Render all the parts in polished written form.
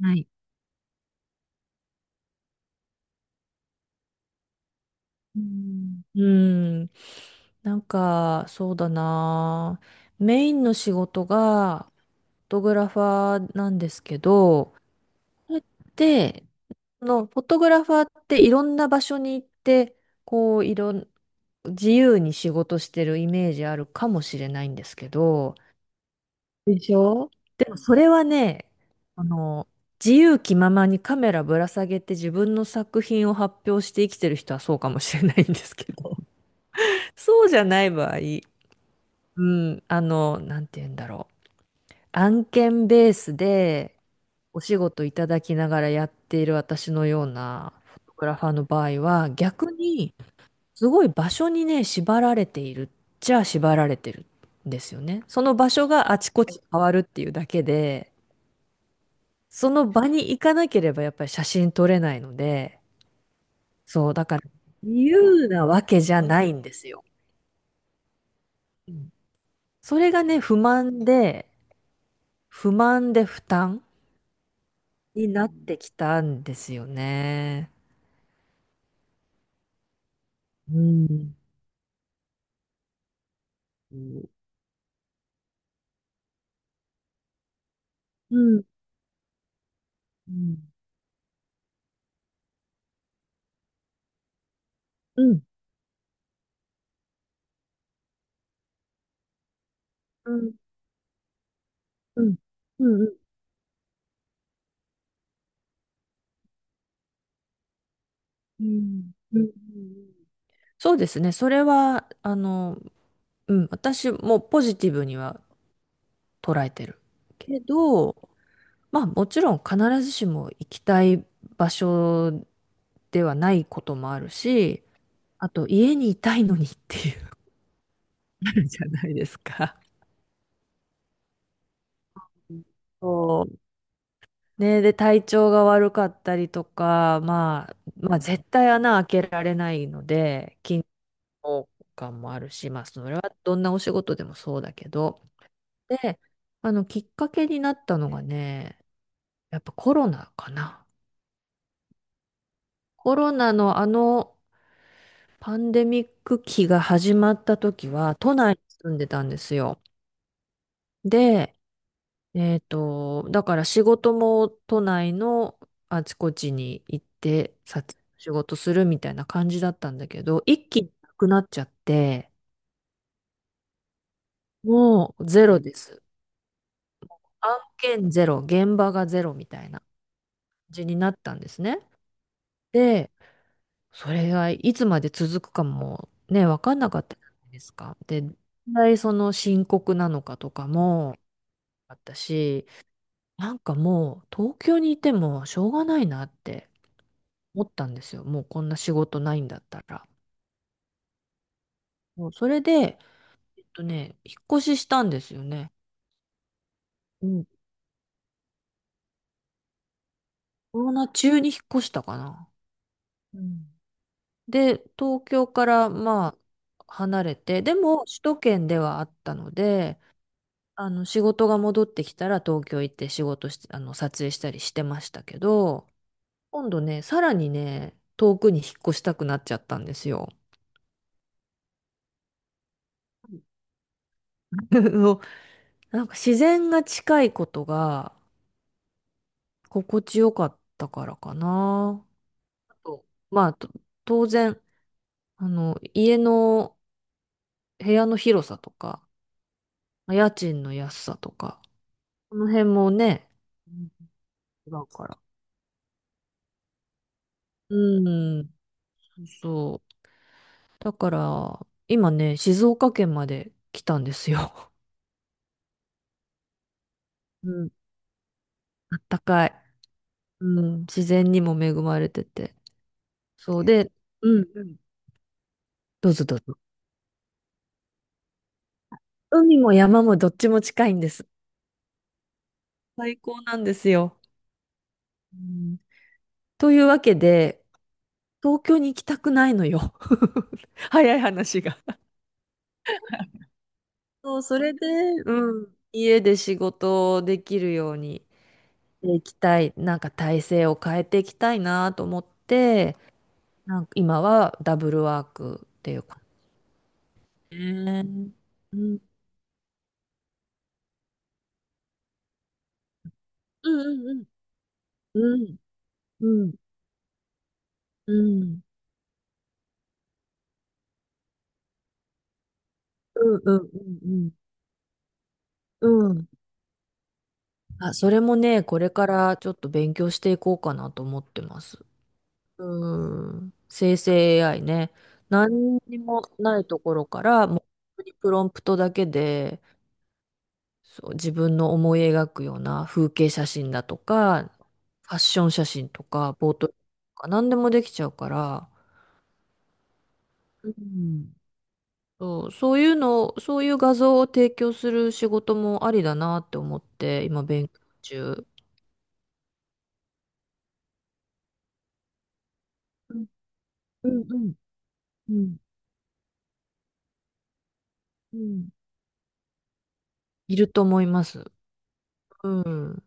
はい。うん。ん、そうだな。メインの仕事が、フォトグラファーなんですけど、で、その、フォトグラファーっていろんな場所に行って、こう、いろん、自由に仕事してるイメージあるかもしれないんですけど、でしょ。でもそれはね、あの、自由気ままにカメラぶら下げて自分の作品を発表して生きてる人はそうかもしれないんですけど、そうじゃない場合、うなんて言うんだろう。案件ベースでお仕事いただきながらやっている私のようなフォトグラファーの場合は、逆にすごい場所にね、縛られてるんですよね。その場所があちこち変わるっていうだけで、その場に行かなければやっぱり写真撮れないので、そう、だから自由なわけじゃないんですよ。うん。それがね、不満で、不満で負担になってきたんですよね。うん。うん。うん。うん。うん。うん。うん。うん。うん。うん。そうですね。それは、私もポジティブには捉えてるけど、まあもちろん必ずしも行きたい場所ではないこともあるし、あと家にいたいのにっていうのあるじゃないですか。そうね、で、体調が悪かったりとか、まあ、絶対穴開けられないので、緊張感もあるし、まあ、それはどんなお仕事でもそうだけど、で、きっかけになったのがね、やっぱコロナかな。コロナのパンデミック期が始まった時は、都内に住んでたんですよ。で、だから仕事も都内のあちこちに行って撮影の仕事するみたいな感じだったんだけど、一気になくなっちゃって、もうゼロです。案件ゼロ、現場がゼロみたいな感じになったんですね。で、それがいつまで続くかもね、分かんなかったじゃないですか。で、どんなにその深刻なのかとかもあったし、なんかもう東京にいてもしょうがないなって思ったんですよ。もうこんな仕事ないんだったら。もうそれで、引っ越ししたんですよね。うん。コロナ中に引っ越したかな。うん。で、東京からまあ離れて、でも首都圏ではあったので、あの仕事が戻ってきたら東京行って仕事して、あの撮影したりしてましたけど、今度ね、さらにね、遠くに引っ越したくなっちゃったんですよ。あのなんか自然が近いことが心地よかったからかな。あとまあ、当然、家の部屋の広さとか、まあ家賃の安さとか、この辺もね、うん、違うから。うん、そう。だから、今ね、静岡県まで来たんですよ。うん、あったかい。うん、自然にも恵まれてて。そうで、うん、どうぞどうぞ。海も山もどっちも近いんです。最高なんですよ。うん、というわけで、東京に行きたくないのよ。早い話が。そう、それで、うん、家で仕事をできるように行きたい、なんか体制を変えていきたいなと思って、なんか今はダブルワークっていうかね。うん、うんうんうんうんうんうんうんうんうんうん。あ、それもね、これからちょっと勉強していこうかなと思ってます。うん。生成 AI ね。何にもないところから、もう本当にプロンプトだけで、そう、自分の思い描くような風景写真だとか、ファッション写真とか、ポートレートとか、何でもできちゃうから、うん。そう、そういうの、そういう画像を提供する仕事もありだなって思って、今勉強中。うんうんうんうんうん。いると思います。うん。うん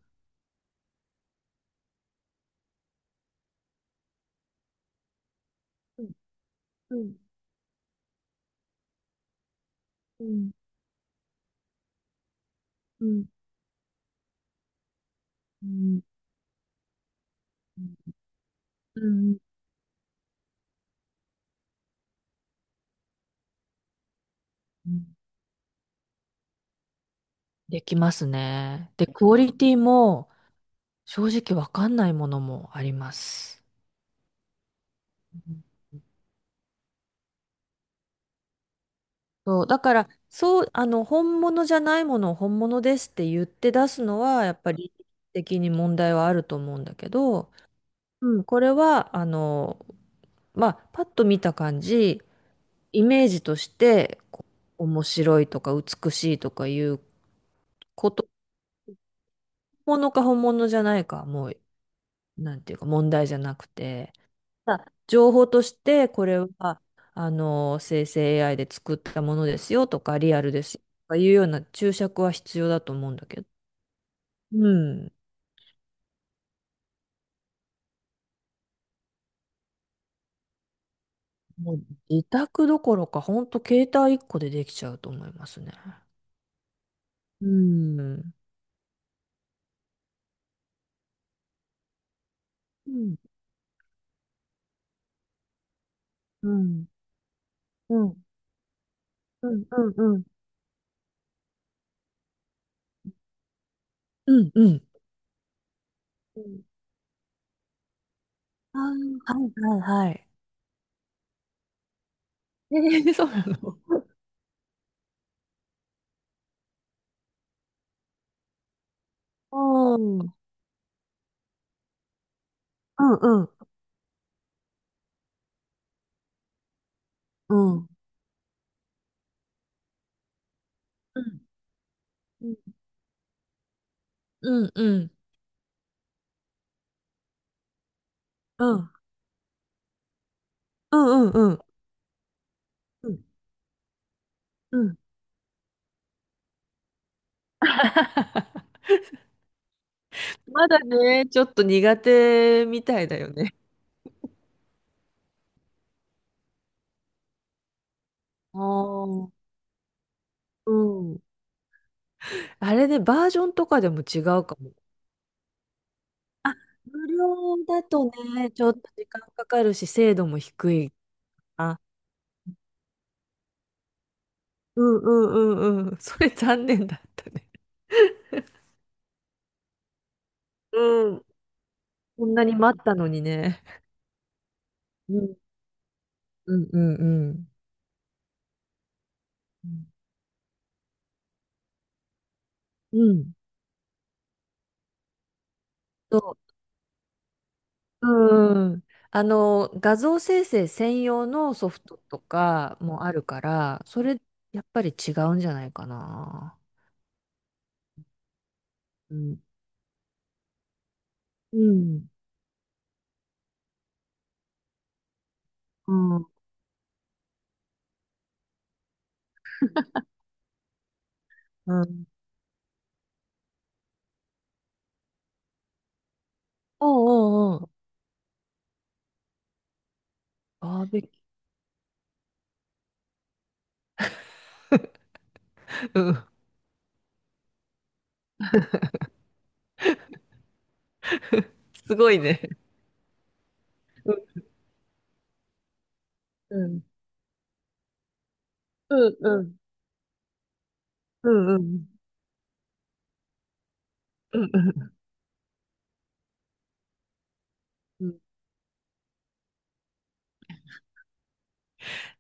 うんうんうんうんうん。うん、できますね。で、クオリティも正直わかんないものもあります。うん、そう、だから、そう、あの、本物じゃないものを本物ですって言って出すのは、やっぱり的に問題はあると思うんだけど、うん、これは、あの、まあ、パッと見た感じ、イメージとして、こう面白いとか美しいとかいうこと、本物か本物じゃないかはもう、なんていうか問題じゃなくて、まあ情報としてこれはあの生成 AI で作ったものですよとかリアルですよとかいうような注釈は必要だと思うんだけど、うん、もう自宅どころか本当携帯1個でできちゃうと思いますね。うん。うんうんうんうんうんうんうんうんうん、あー、はいはいはい。えーそうなの。うんうんうんうんうんうんうんうんうんうんうんうんうんうん。まだね、ちょっと苦手みたいだよね。ああ、うん。あれね、バージョンとかでも違うかも。無料だとね、ちょっと時間かかるし、精度も低いな。うんうんうんうん。それ残念だったね。うん。こんなに待ったのにね。うんうんうんうん。うん。そう、うん。あの、画像生成専用のソフトとかもあるから、それ、やっぱり違うんじゃないかな。うん。うん。うん。うん。おうんうんうん。バーベキュー。うん。すごいね。うん。うん。うん。うん。うんうんうん。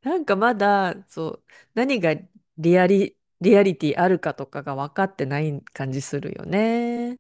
なんかまだ、そう、何がリアリ、リアリティあるかとかが分かってない感じするよね。